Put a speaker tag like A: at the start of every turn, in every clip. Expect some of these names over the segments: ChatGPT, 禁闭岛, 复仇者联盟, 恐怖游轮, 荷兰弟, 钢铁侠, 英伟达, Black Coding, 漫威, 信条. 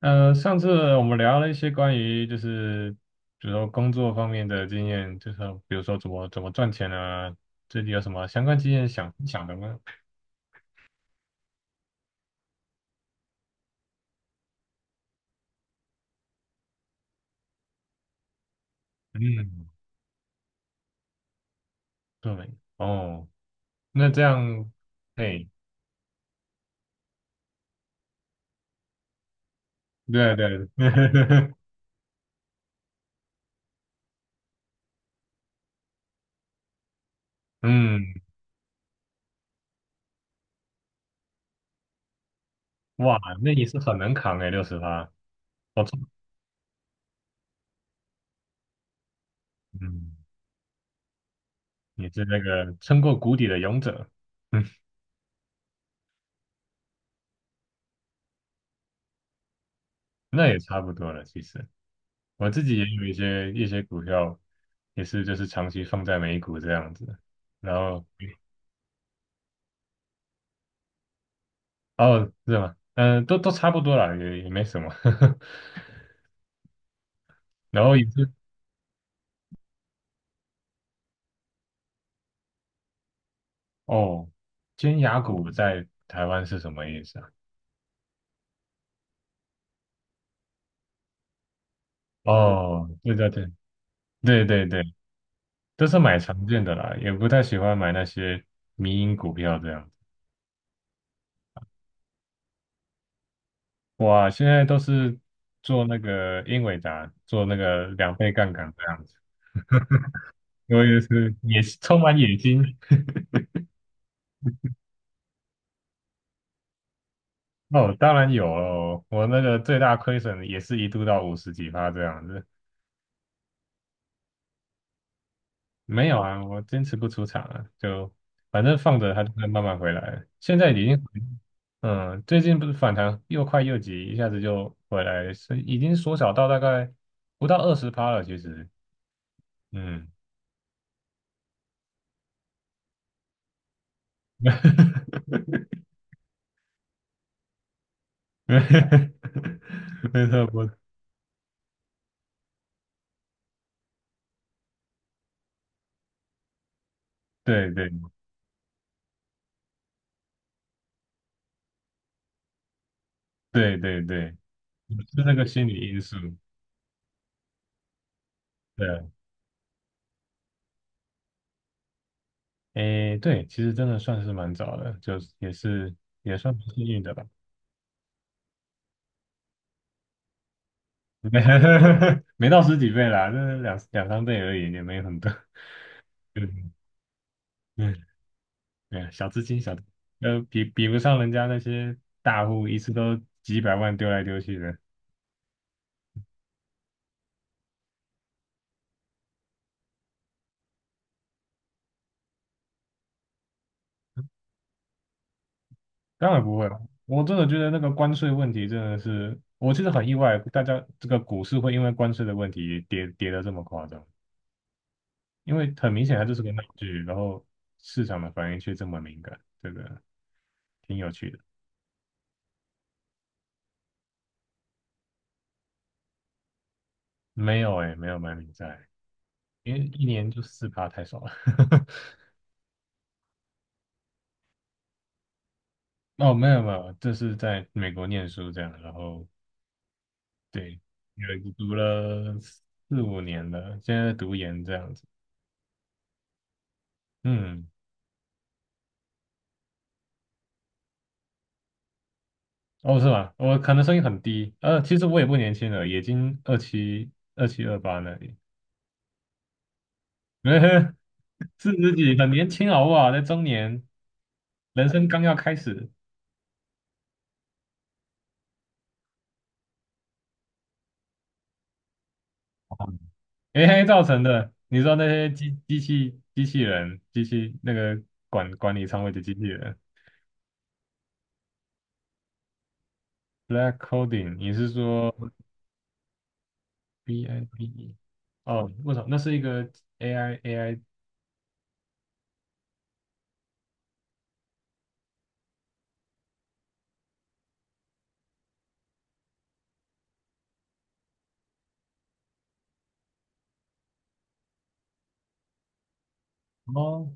A: 上次我们聊了一些关于就是，比如说工作方面的经验，就是比如说怎么赚钱啊，最近有什么相关经验想想的吗？嗯。对。哦。那这样。嘿。对对。嗯。哇，那你是很能扛哎，60趴。不错。嗯。你是那个撑过谷底的勇者。嗯。那也差不多了，其实。我自己也有一些股票，也是就是长期放在美股这样子，然后。哦，是吗？嗯，都差不多啦，也没什么。然后也是。哦，尖牙股在台湾是什么意思啊？哦，对对对对对对，都是买常见的啦，也不太喜欢买那些迷因股票这样子。哇，现在都是做那个英伟达，做那个2倍杠杆这样子，因为是也是充满野心。哦，当然有哦，我那个最大亏损也是一度到五十几趴这样子。没有啊，我坚持不出场了，就反正放着它就会慢慢回来。现在已经回。最近不是反弹又快又急，一下子就回来是已经缩小到大概不到20趴了。其实，嗯。没错。不，对对对对对，是那个心理因素。对啊。诶，对，其实真的算是蛮早的，就是也是也算是幸运的吧。没到十几倍啦，就是两三倍而已，也没有很多。嗯嗯。对，小资金小，比不上人家那些大户，一次都几百万丢来丢去的，当然不会了。我真的觉得那个关税问题真的是，我其实很意外，大家这个股市会因为关税的问题跌得这么夸张，因为很明显它就是个闹剧，然后市场的反应却这么敏感，这个挺有趣的。没有哎，没有买美债，因为一年就4趴太少了。哦，没有没有，这是在美国念书这样，然后对，有读了四五年了，现在读研这样子。嗯。哦，是吧？我可能声音很低，其实我也不年轻了，已经二七二七二八那里。四十几，很年轻好不好？在中年，人生刚要开始。AI 造成的，你知道那些机器人、机器那个管理仓位的机器人。Black Coding，你是说 B I B E？哦，为什么？那是一个 AI 哦，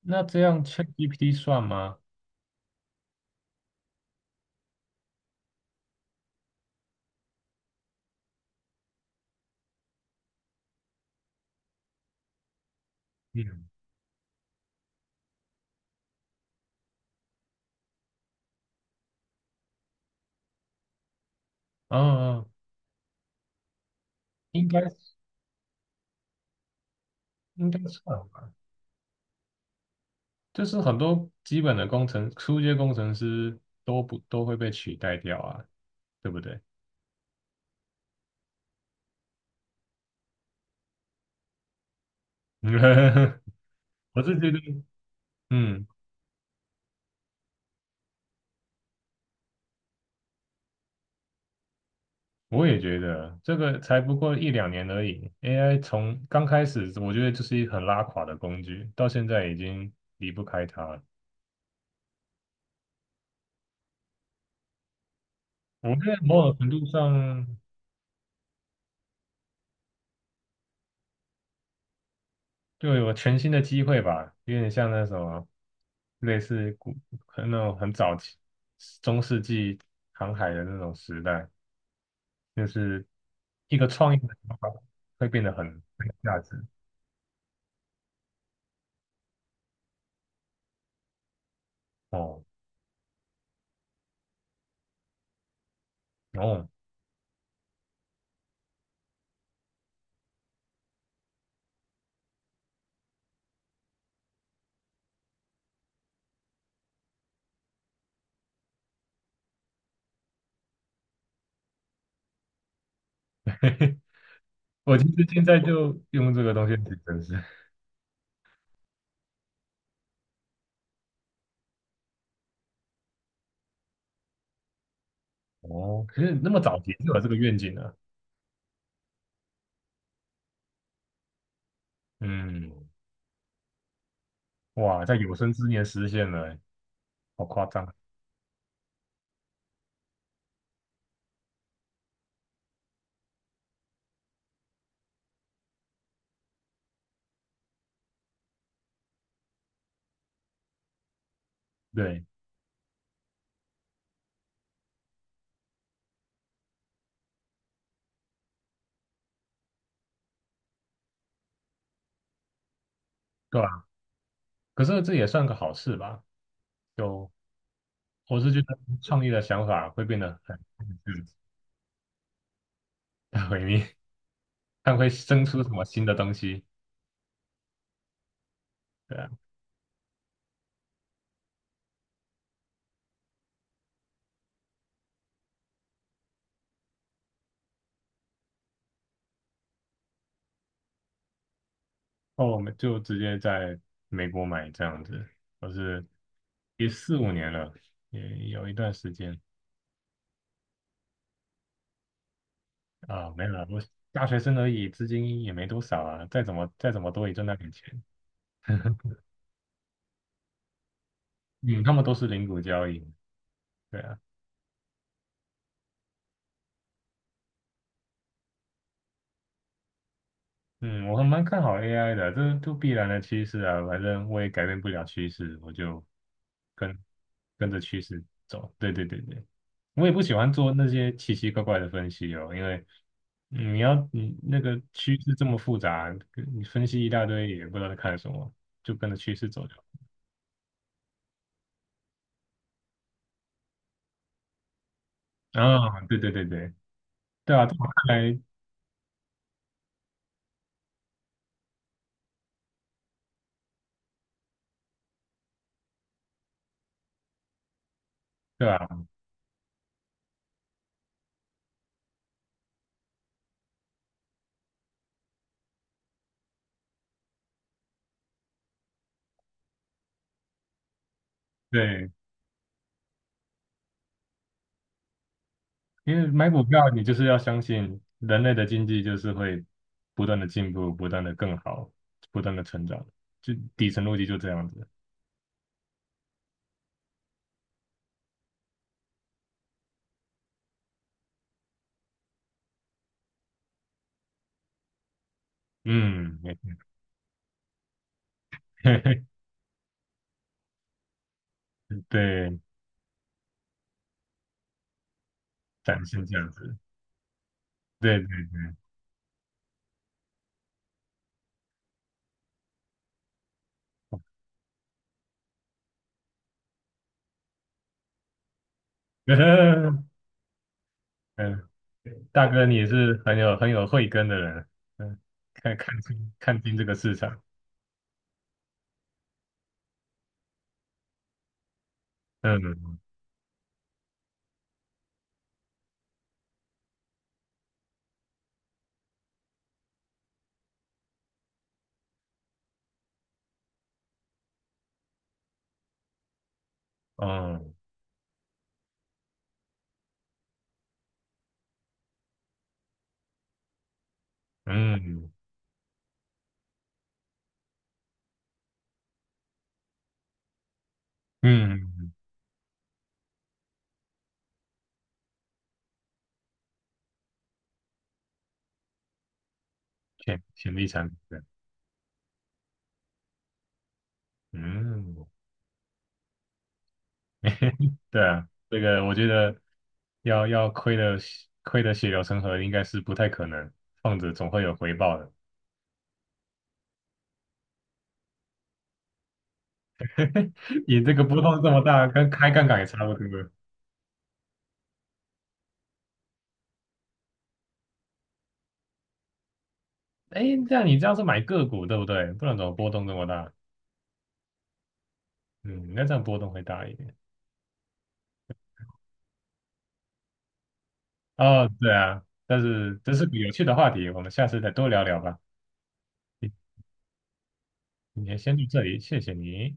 A: 那这样 c h e c k g p t 算吗？嗯。嗯。应该应该算吧，就是很多基本的初阶工程师都不都会被取代掉啊，对不对？我是觉得，嗯。我也觉得这个才不过一两年而已，AI 从刚开始我觉得就是一个很拉垮的工具，到现在已经离不开它了。我觉得某种程度上就有全新的机会吧，有点像那什么，类似可能那种很早期中世纪航海的那种时代，就是一个创意的想法会变得很有价值哦。哦。我其实现在就用这个东西挺真实。哦，可是那么早期就有这个愿景了。嗯。哇，在有生之年实现了欸，好夸张。对，对吧？可是这也算个好事吧？就我是觉得创意的想法会变得很毁灭 看会生出什么新的东西。对啊。哦，我们就直接在美国买这样子，我是也四五年了，也有一段时间啊。没有了，我大学生而已，资金也没多少啊，再怎么多也就那点钱。嗯，他们都是零股交易。对啊。嗯，我还蛮看好 AI 的啊，这都必然的趋势啊，反正我也改变不了趋势，我就跟跟着趋势走。对对对对，我也不喜欢做那些奇奇怪怪的分析哦，因为你要你那个趋势这么复杂，你分析一大堆也不知道在看什么，就跟着趋势走就好。啊，对对对对。对啊，在我看来。对啊。对。因为买股票，你就是要相信人类的经济就是会不断的进步，不断的更好，不断的成长，就底层逻辑就这样子。嗯，没 对，展现价值。对对对。嗯，大哥你也是很有慧根的人。嗯，看清这个市场。嗯。哦。嗯嗯。潜力产品。嗯。对啊，这个我觉得要亏的血流成河应该是不太可能，放着总会有回报的。你这个波动这么大，跟开杠杆也差不多。哎，这样你这样是买个股对不对？不然怎么波动这么大？嗯，那这样波动会大一点。哦，对啊，但是这是个有趣的话题，我们下次再多聊聊吧。今今天先到这里，谢谢你。